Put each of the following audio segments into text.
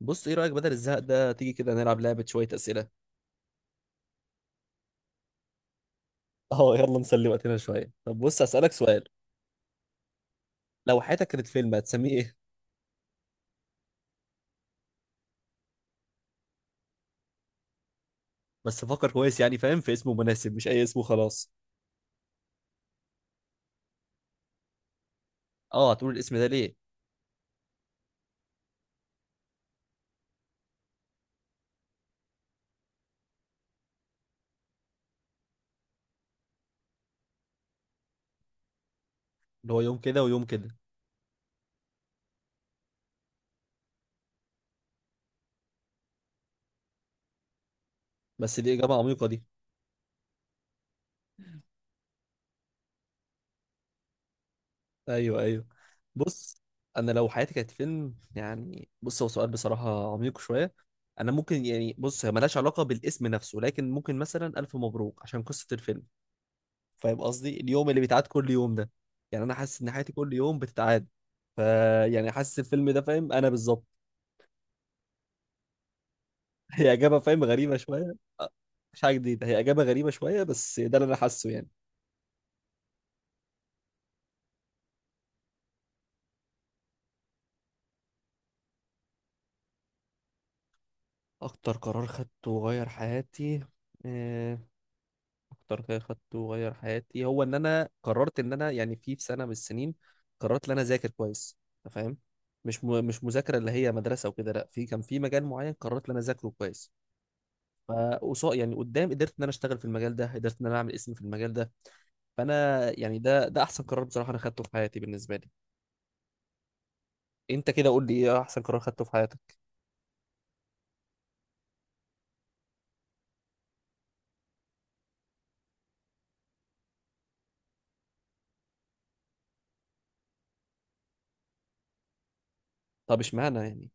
بص ايه رأيك بدل الزهق ده تيجي كده نلعب لعبة شوية أسئلة. اه يلا نسلي وقتنا شوية. طب بص هسألك سؤال، لو حياتك كانت فيلم هتسميه ايه؟ بس فكر كويس، يعني فاهم، في اسمه مناسب مش أي اسم وخلاص. اه هتقول الاسم ده ليه. اللي هو يوم كده ويوم كده. بس دي إجابة عميقة دي. ايوه ايوه. بص انا لو حياتي كانت فيلم، يعني بص هو سؤال بصراحة عميق شوية. انا ممكن، يعني بص هي ملهاش علاقة بالاسم نفسه، لكن ممكن مثلا ألف مبروك عشان قصة الفيلم. فاهم قصدي، اليوم اللي بيتعاد كل يوم ده. يعني انا حاسس ان حياتي كل يوم بتتعاد. ف يعني حاسس الفيلم ده، فاهم انا بالظبط. هي اجابه، فاهم، غريبه شويه. أه، مش حاجه جديده، هي اجابه غريبه شويه بس ده اللي انا حاسه يعني. اكتر قرار خدته وغير حياتي. آه، اكتر قرار خدته وغير حياتي هو ان انا قررت ان انا، يعني في سنه من السنين قررت ان انا اذاكر كويس. أنت فاهم. مش مذاكره اللي هي مدرسه وكده، لا في كان في مجال معين قررت ان انا اذاكره كويس. فقصاد يعني قدام قدرت ان انا اشتغل في المجال ده، قدرت ان انا اعمل اسم في المجال ده. فانا يعني ده احسن قرار بصراحه انا خدته في حياتي بالنسبه لي. انت كده قول لي ايه احسن قرار خدته في حياتك. طب اشمعنى يعني.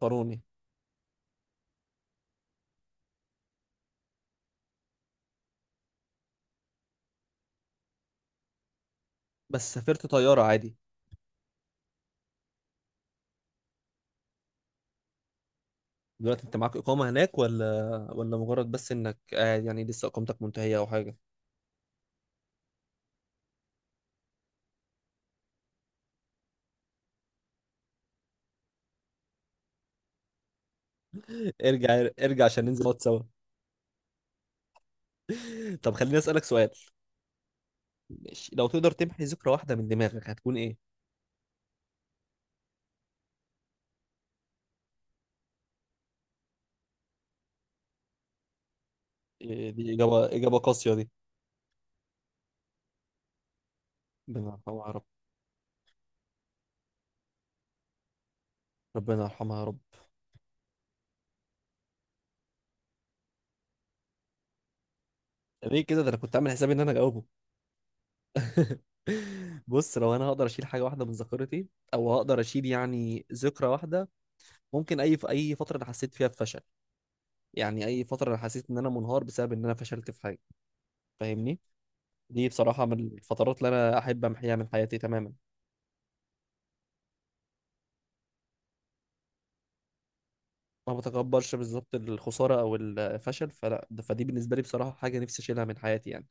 قاروني. بس سافرت طياره عادي؟ دلوقتي انت معاك اقامه هناك ولا؟ ولا مجرد بس انك قاعد، يعني لسه اقامتك منتهيه او حاجه؟ ارجع ارجع عشان ننزل نقعد سوا. طب خليني اسالك سؤال. ماشي. لو تقدر تمحي ذكرى واحده من دماغك هتكون ايه؟ إيه دي، اجابه اجابه قاسيه دي. ربنا يرحمها يا رب. ربنا يرحمها يا رب. ليه كده، ده انا كنت عامل حسابي ان انا هجاوبه. بص لو انا هقدر اشيل حاجه واحده من ذاكرتي، او هقدر اشيل يعني ذكرى واحده، ممكن اي، في اي فتره انا حسيت فيها بفشل. يعني اي فتره انا حسيت ان انا منهار بسبب ان انا فشلت في حاجه. فاهمني. دي بصراحه من الفترات اللي انا احب امحيها من حياتي تماما. ما بتكبرش بالظبط الخساره او الفشل، فلا فدي بالنسبه لي بصراحه حاجه نفسي اشيلها من حياتي يعني،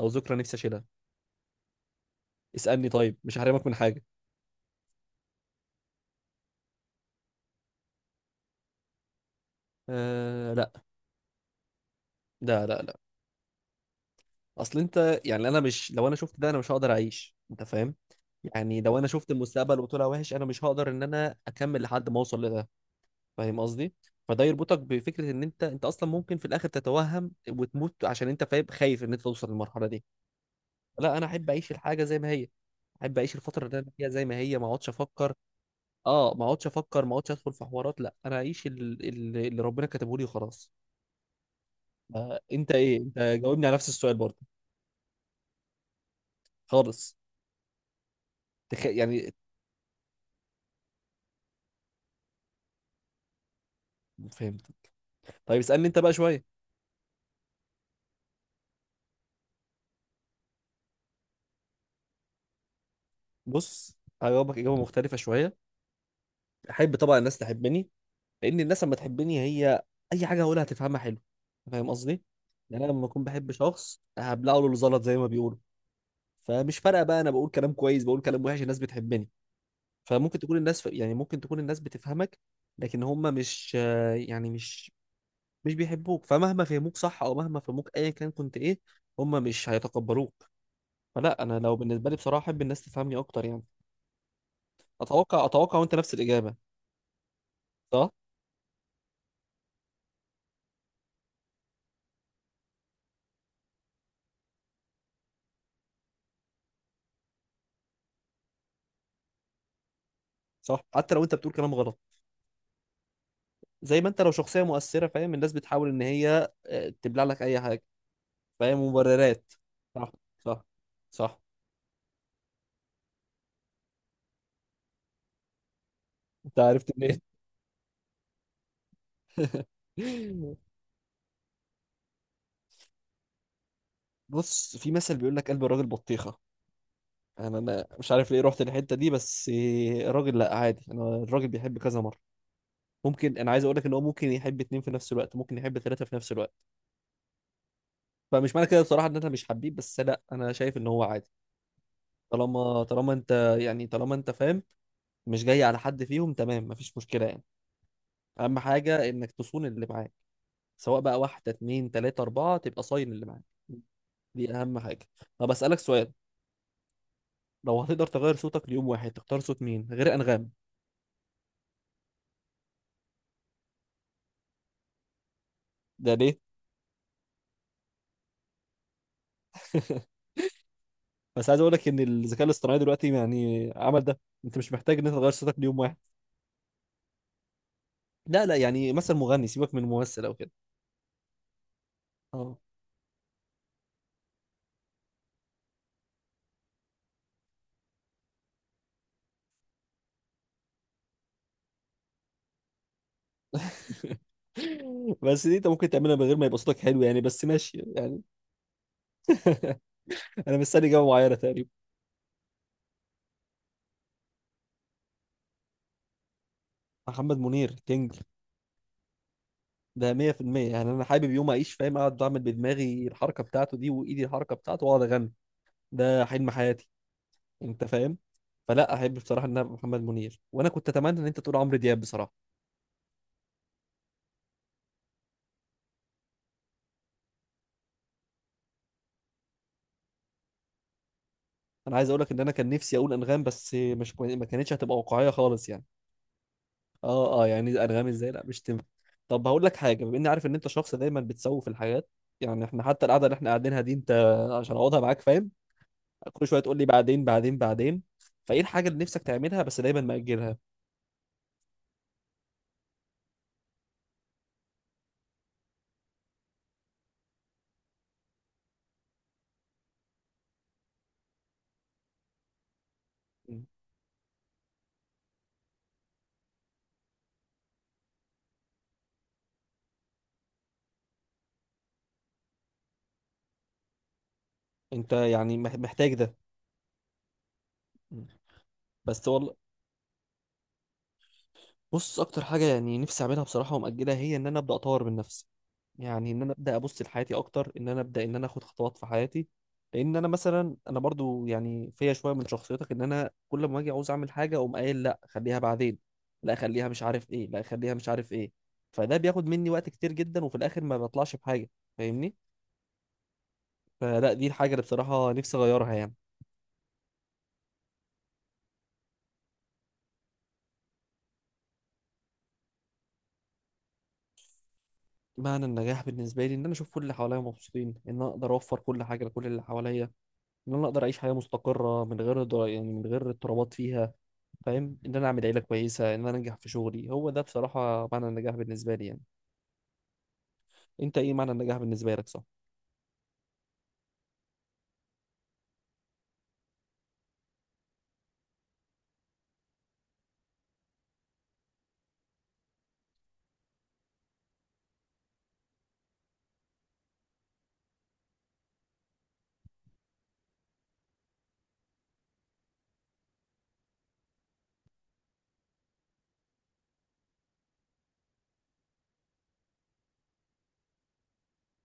او ذكرى نفسي اشيلها. اسالني طيب، مش هحرمك من حاجه. أه لا. لا لا لا. اصل انت يعني، انا مش، لو انا شفت ده انا مش هقدر اعيش، انت فاهم. يعني لو انا شفت المستقبل وطلع وحش انا مش هقدر ان انا اكمل لحد ما اوصل لده. فاهم قصدي. فده يربطك بفكره ان انت، انت اصلا ممكن في الاخر تتوهم وتموت عشان انت فاهم خايف ان انت توصل للمرحله دي. لا انا احب اعيش الحاجه زي ما هي، احب اعيش الفتره اللي انا فيها زي ما هي، ما اقعدش افكر. اه ما اقعدش افكر، ما اقعدش ادخل في حوارات، لا انا اعيش اللي ربنا كاتبه لي وخلاص. انت ايه، انت جاوبني على نفس السؤال برضه. خالص. يعني. فهمت. طيب اسألني انت بقى شوية. بص هجاوبك إجابة مختلفة شوية. أحب طبعا الناس تحبني، لأن الناس لما تحبني هي، أي حاجة هقولها هتفهمها حلو. فاهم قصدي؟ يعني أنا لما أكون بحب شخص هبلعه له الزلط زي ما بيقولوا. فمش فارقة بقى، أنا بقول كلام كويس، بقول كلام وحش، الناس بتحبني. فممكن تكون الناس، يعني ممكن تكون الناس بتفهمك، لكن هم مش، يعني مش مش بيحبوك، فمهما فهموك صح أو مهما فهموك أيا كان كنت إيه، هم مش هيتقبلوك. فلا أنا لو، بالنسبة لي بصراحة أحب الناس تفهمني أكتر يعني. اتوقع اتوقع وانت نفس الاجابه. صح. صح حتى لو انت بتقول كلام غلط. زي ما انت لو شخصيه مؤثره، فاهم، الناس بتحاول ان هي تبلع لك اي حاجه. فاهم، مبررات. صح. صح. صح. انت عرفت منين؟ بص في مثل بيقول لك قلب الراجل بطيخه. انا انا مش عارف ليه رحت الحته دي، بس الراجل، لا عادي انا الراجل بيحب كذا مره. ممكن، انا عايز اقول لك ان هو ممكن يحب اتنين في نفس الوقت، ممكن يحب ثلاثه في نفس الوقت. فمش معنى كده بصراحه ان انا مش حبيب، بس لا انا شايف ان هو عادي. طالما انت، يعني طالما انت فاهم، مش جاي على حد فيهم، تمام، مفيش مشكلة يعني. اهم حاجة انك تصون اللي معاك. سواء بقى واحدة اتنين تلاتة اربعة، تبقى صاين اللي معاك. دي اهم حاجة. طب اسألك سؤال. لو هتقدر تغير صوتك ليوم واحد تختار صوت مين غير انغام؟ ده ليه؟ بس عايز اقول لك ان الذكاء الاصطناعي دلوقتي يعني عمل ده، انت مش محتاج ان انت تغير صوتك ليوم واحد. لا لا، يعني مثلا مغني، سيبك من ممثل او كده. اه. بس دي انت ممكن تعملها من غير ما يبقى صوتك حلو يعني، بس ماشي يعني. انا مستني اجابه معينه تقريبا. محمد منير، كينج. ده 100% يعني، انا حابب يوم اعيش، فاهم، اقعد اعمل بدماغي الحركه بتاعته دي وايدي الحركه بتاعته واقعد اغني. ده حلم حياتي. انت فاهم. فلا احب بصراحه ان أنا محمد منير، وانا كنت اتمنى ان انت تقول عمرو دياب بصراحه. انا عايز اقول لك ان انا كان نفسي اقول انغام، بس مش كوي- ما كانتش هتبقى واقعيه خالص يعني. اه اه يعني انغام ازاي، لا مش تنفع. طب هقول لك حاجه، بما اني عارف ان انت شخص دايما بتسوف الحاجات. يعني احنا حتى القعده اللي احنا قاعدينها دي انت، عشان اقعدها معاك، فاهم، كل شويه تقول لي بعدين بعدين بعدين. فايه الحاجه اللي نفسك تعملها بس دايما مأجلها؟ م. انت يعني محتاج ده. م. بس والله، بص اكتر حاجه يعني نفسي اعملها بصراحه ومأجلها هي ان انا ابدا اطور من نفسي. يعني ان انا ابدا ابص لحياتي اكتر، ان انا ابدا ان انا اخد خطوات في حياتي. لان انا مثلا انا برضو يعني فيا شويه من شخصيتك، ان انا كل ما اجي عاوز اعمل حاجه اقوم قايل لا خليها بعدين، لا خليها مش عارف ايه، لا خليها مش عارف ايه. فده بياخد مني وقت كتير جدا وفي الاخر ما بطلعش بحاجه. فاهمني. فلا دي الحاجة اللي بصراحة نفسي أغيرها يعني. معنى النجاح بالنسبة لي إن أنا أشوف كل اللي حواليا مبسوطين، إن أنا أقدر أوفر كل حاجة لكل اللي حواليا، إن أنا أقدر أعيش حياة مستقرة من غير يعني من غير اضطرابات فيها. فاهم، إن أنا أعمل عيلة كويسة، إن أنا أنجح في شغلي، هو ده بصراحة معنى النجاح بالنسبة لي يعني. أنت إيه معنى النجاح بالنسبة لك؟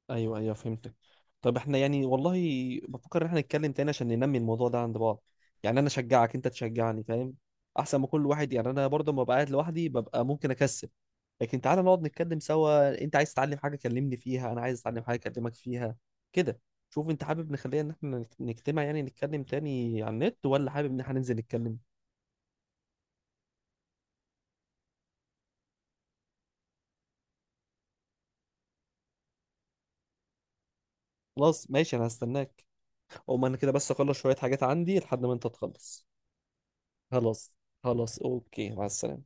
ايوه ايوه فهمتك. طب احنا يعني والله بفكر ان احنا نتكلم تاني عشان ننمي الموضوع ده عند بعض. يعني انا اشجعك انت تشجعني، فاهم. احسن ما كل واحد، يعني انا برضه لما ببقى قاعد لوحدي ببقى ممكن اكسل. لكن تعالى نقعد نتكلم سوا، انت عايز تتعلم حاجه كلمني فيها، انا عايز اتعلم حاجه اكلمك فيها. كده. شوف انت حابب نخليها ان احنا نجتمع يعني نتكلم تاني على النت، ولا حابب ان احنا ننزل نتكلم؟ خلاص ماشي انا هستناك. او ما انا كده، بس اخلص شويه حاجات عندي لحد ما انت تخلص. خلاص. خلاص اوكي، مع السلامه.